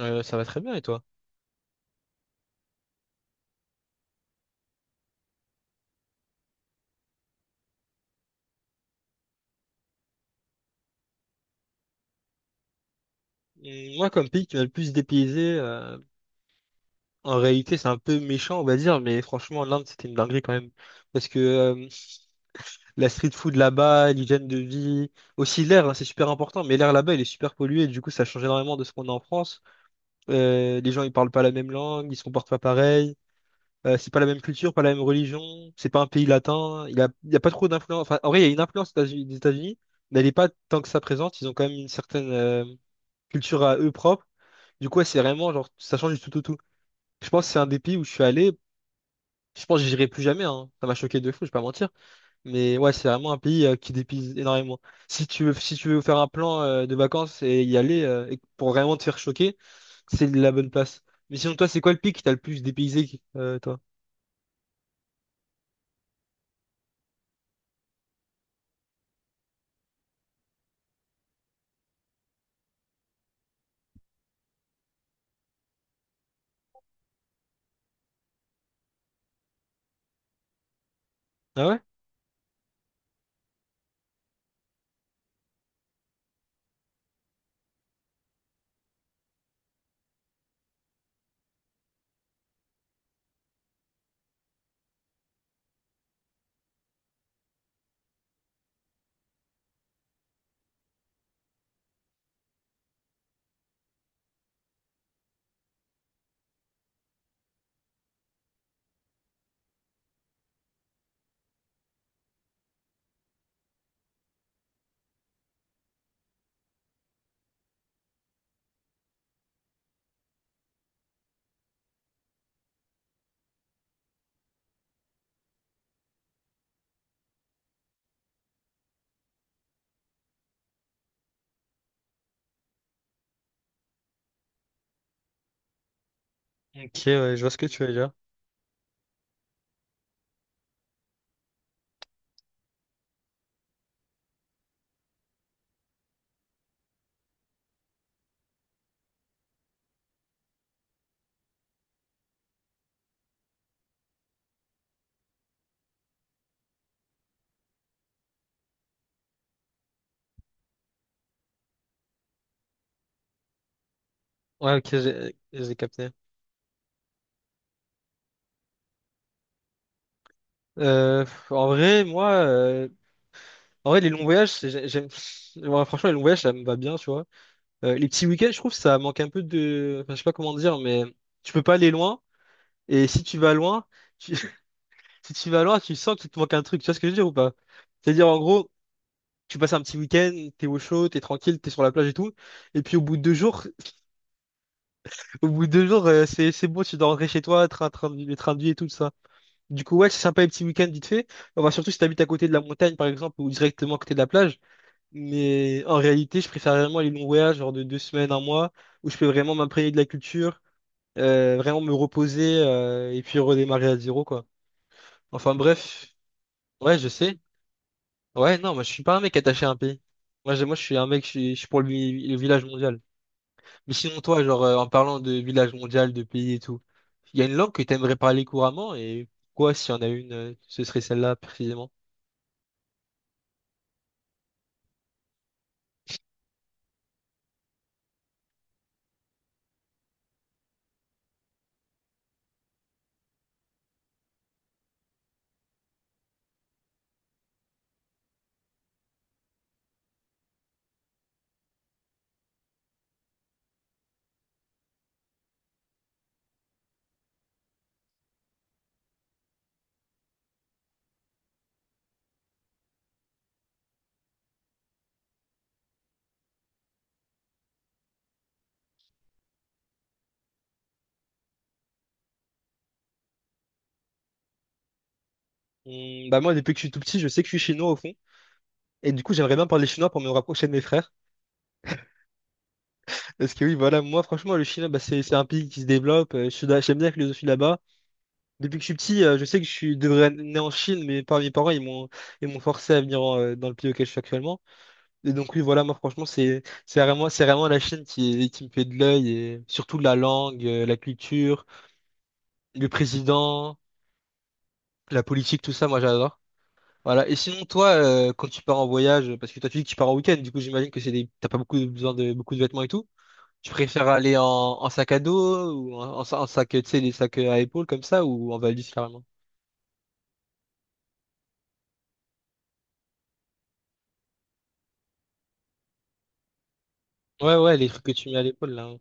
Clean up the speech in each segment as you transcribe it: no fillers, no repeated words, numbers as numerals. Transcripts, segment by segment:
Ça va très bien et toi? Mm, moi, comme pays qui m'a le plus dépaysé, en réalité, c'est un peu méchant, on va dire, mais franchement, l'Inde, c'était une dinguerie quand même. Parce que la street food là-bas, l'hygiène de vie, aussi l'air, hein, c'est super important, mais l'air là-bas, il est super pollué, du coup, ça change énormément de ce qu'on a en France. Les gens, ils parlent pas la même langue, ils se comportent pas pareil, c'est pas la même culture, pas la même religion, c'est pas un pays latin, il y a pas trop d'influence. Enfin, en vrai, il y a une influence des États-Unis, mais elle est pas tant que ça présente, ils ont quand même une certaine, culture à eux propres. Du coup, ouais, c'est vraiment genre, ça change du tout au tout. Je pense que c'est un des pays où je suis allé. Je pense que j'irai plus jamais, hein. Ça m'a choqué de fou, je vais pas mentir. Mais ouais, c'est vraiment un pays qui dépise énormément. Si tu veux, si tu veux faire un plan de vacances et y aller et pour vraiment te faire choquer, c'est la bonne place. Mais sinon, toi, c'est quoi le pays qui t'a le plus dépaysé, toi? Ah ouais? Ok, ouais, je vois ce que tu veux dire. Ouais, ok, j'ai capté. Euh, En vrai, moi, en vrai, les longs voyages, j'aime. Ouais, franchement, les longs voyages, ça me va bien, tu vois. Les petits week-ends, je trouve, ça manque un peu de. Enfin, je sais pas comment dire, mais tu peux pas aller loin. Et si tu vas loin, tu- si tu vas loin, tu sens qu'il te manque un truc. Tu vois ce que je veux dire ou pas? C'est-à-dire, en gros, tu passes un petit week-end, t'es au chaud, t'es tranquille, t'es sur la plage et tout. Et puis, au bout de deux jours, au bout de deux jours, c'est bon, tu dois rentrer chez toi, train, train, le train de vie et tout ça. Du coup, ouais, c'est sympa les petits week-ends vite fait. Enfin, surtout si t'habites à côté de la montagne, par exemple, ou directement à côté de la plage. Mais en réalité, je préfère vraiment les longs voyages, genre de deux semaines, un mois, où je peux vraiment m'imprégner de la culture vraiment me reposer et puis redémarrer à zéro, quoi. Enfin bref, ouais, je sais. Ouais, non, moi je suis pas un mec attaché à un pays. Moi, je suis un mec, je suis pour le, le village mondial. Mais sinon, toi, genre, en parlant de village mondial, de pays et tout, il y a une langue que t'aimerais parler couramment et quoi, s'il y en a une, ce serait celle-là précisément. Bah moi, depuis que je suis tout petit, je sais que je suis chinois au fond. Et du coup, j'aimerais bien parler chinois pour me rapprocher de mes frères. Parce que oui, voilà, moi, franchement, le Chinois, bah, c'est un pays qui se développe. J'aime bien la philosophie là-bas. Depuis que je suis petit, je sais que je devrais être né en Chine, mais par mes parents, ils m'ont forcé à venir en, dans le pays auquel je suis actuellement. Et donc oui, voilà, moi franchement, c'est vraiment la Chine qui me fait de l'œil et surtout la langue, la culture, le président, la politique, tout ça, moi j'adore. Voilà. Et sinon toi, quand tu pars en voyage, parce que toi tu dis que tu pars en week-end, du coup j'imagine que c'est des t'as pas beaucoup besoin de beaucoup de vêtements et tout. Tu préfères aller en, en sac à dos ou en, en sac, tu sais, les sacs à épaules comme ça ou en valise carrément? Ouais, ouais, les trucs que tu mets à l'épaule là.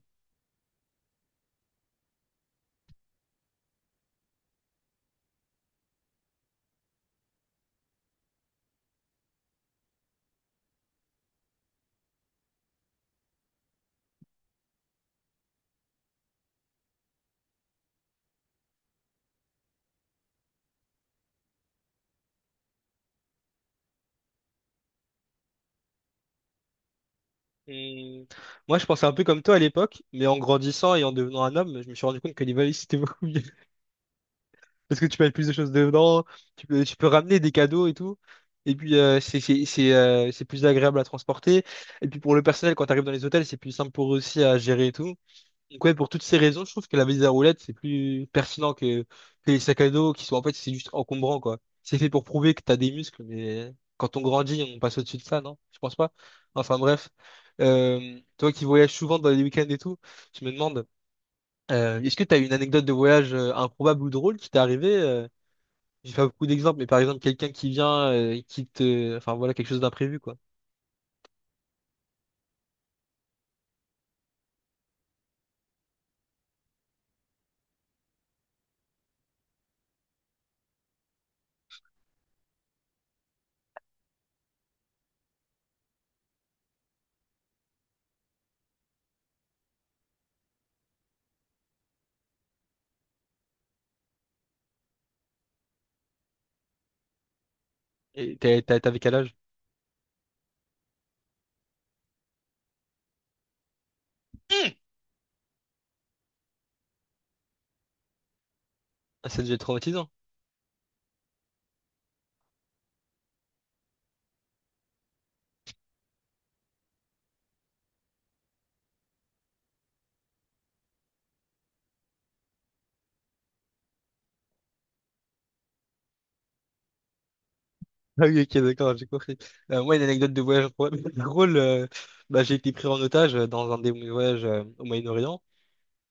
Hmm. Moi, je pensais un peu comme toi à l'époque, mais en grandissant et en devenant un homme, je me suis rendu compte que les valises, c'était beaucoup mieux. Parce que tu peux mettre plus de choses dedans, tu peux ramener des cadeaux et tout. Et puis, c'est plus agréable à transporter. Et puis, pour le personnel, quand tu arrives dans les hôtels, c'est plus simple pour eux aussi à gérer et tout. Donc ouais, pour toutes ces raisons, je trouve que la valise à roulettes, c'est plus pertinent que les sacs à dos qui sont en fait, c'est juste encombrant, quoi. C'est fait pour prouver que t'as des muscles, mais quand on grandit, on passe au-dessus de ça, non? Je pense pas. Enfin bref, toi qui voyages souvent dans les week-ends et tout, je me demande, est-ce que t'as une anecdote de voyage improbable ou drôle qui t'est arrivée? J'ai pas beaucoup d'exemples, mais par exemple, quelqu'un qui vient, et qui te... Enfin voilà, quelque chose d'imprévu, quoi. Et t'avais quel âge? Ah, ça devait être traumatisant. Ah oui, ok, d'accord, j'ai compris. Moi, une anecdote de voyage drôle, drôle, bah, j'ai été pris en otage dans un des voyages au Moyen-Orient.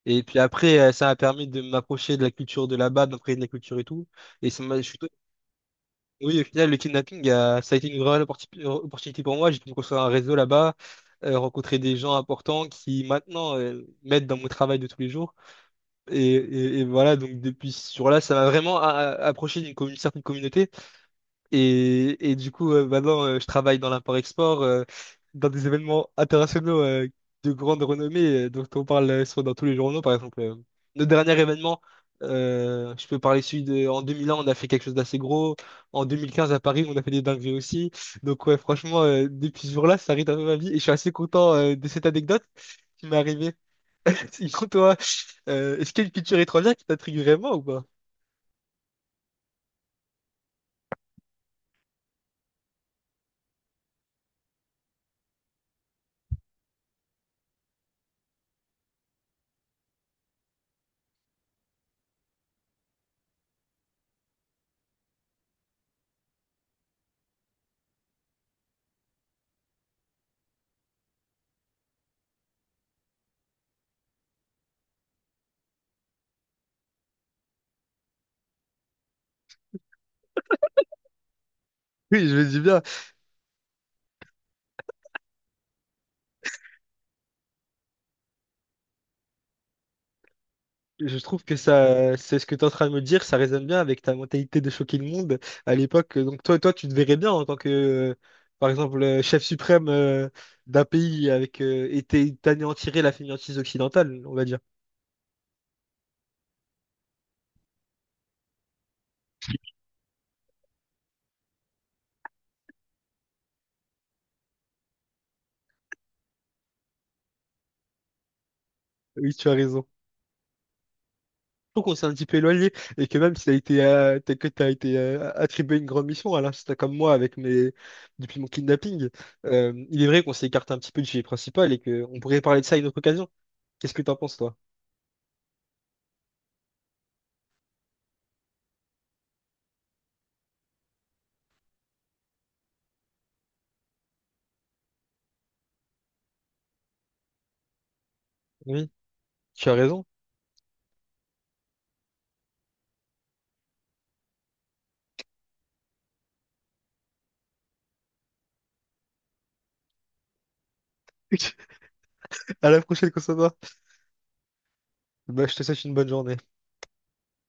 Et puis après, ça m'a permis de m'approcher de la culture de là-bas, de m'imprégner de la culture et tout. Et ça m'a, je suis... Oui, au final, le kidnapping, ça a été une vraie opportunité pour moi. J'ai pu construire un réseau là-bas, rencontrer des gens importants qui maintenant m'aident dans mon travail de tous les jours. Et voilà, donc depuis ce jour-là, ça m'a vraiment approché d'une certaine communauté. Et du coup, maintenant, je travaille dans l'import-export, dans des événements internationaux de grande renommée, dont on parle soit dans tous les journaux, par exemple. Le dernier événement, je peux parler celui de... En 2001, on a fait quelque chose d'assez gros. En 2015, à Paris, on a fait des dingueries aussi. Donc, ouais, franchement, depuis ce jour-là, ça rythme un peu ma vie. Et je suis assez content de cette anecdote qui m'est arrivée. Sinon, toi, est-ce qu'il y a une culture étrangère qui t'intrigue vraiment ou pas? Oui, je me dis bien. Je trouve que ça, c'est ce que tu es en train de me dire, ça résonne bien avec ta mentalité de choquer le monde à l'époque. Donc toi, toi, tu te verrais bien en tant que, par exemple, chef suprême d'un pays avec t'anéantirais la fainéantise occidentale, on va dire. Oui, tu as raison. Donc on s'est un petit peu éloigné et que même si t'as été attribué une grande mission, alors c'était comme moi avec mes depuis mon kidnapping, il est vrai qu'on s'est écarté un petit peu du sujet principal et qu'on pourrait parler de ça à une autre occasion. Qu'est-ce que t'en penses, toi? Oui, tu as raison. À la prochaine, Constantin. Bah, je te souhaite une bonne journée.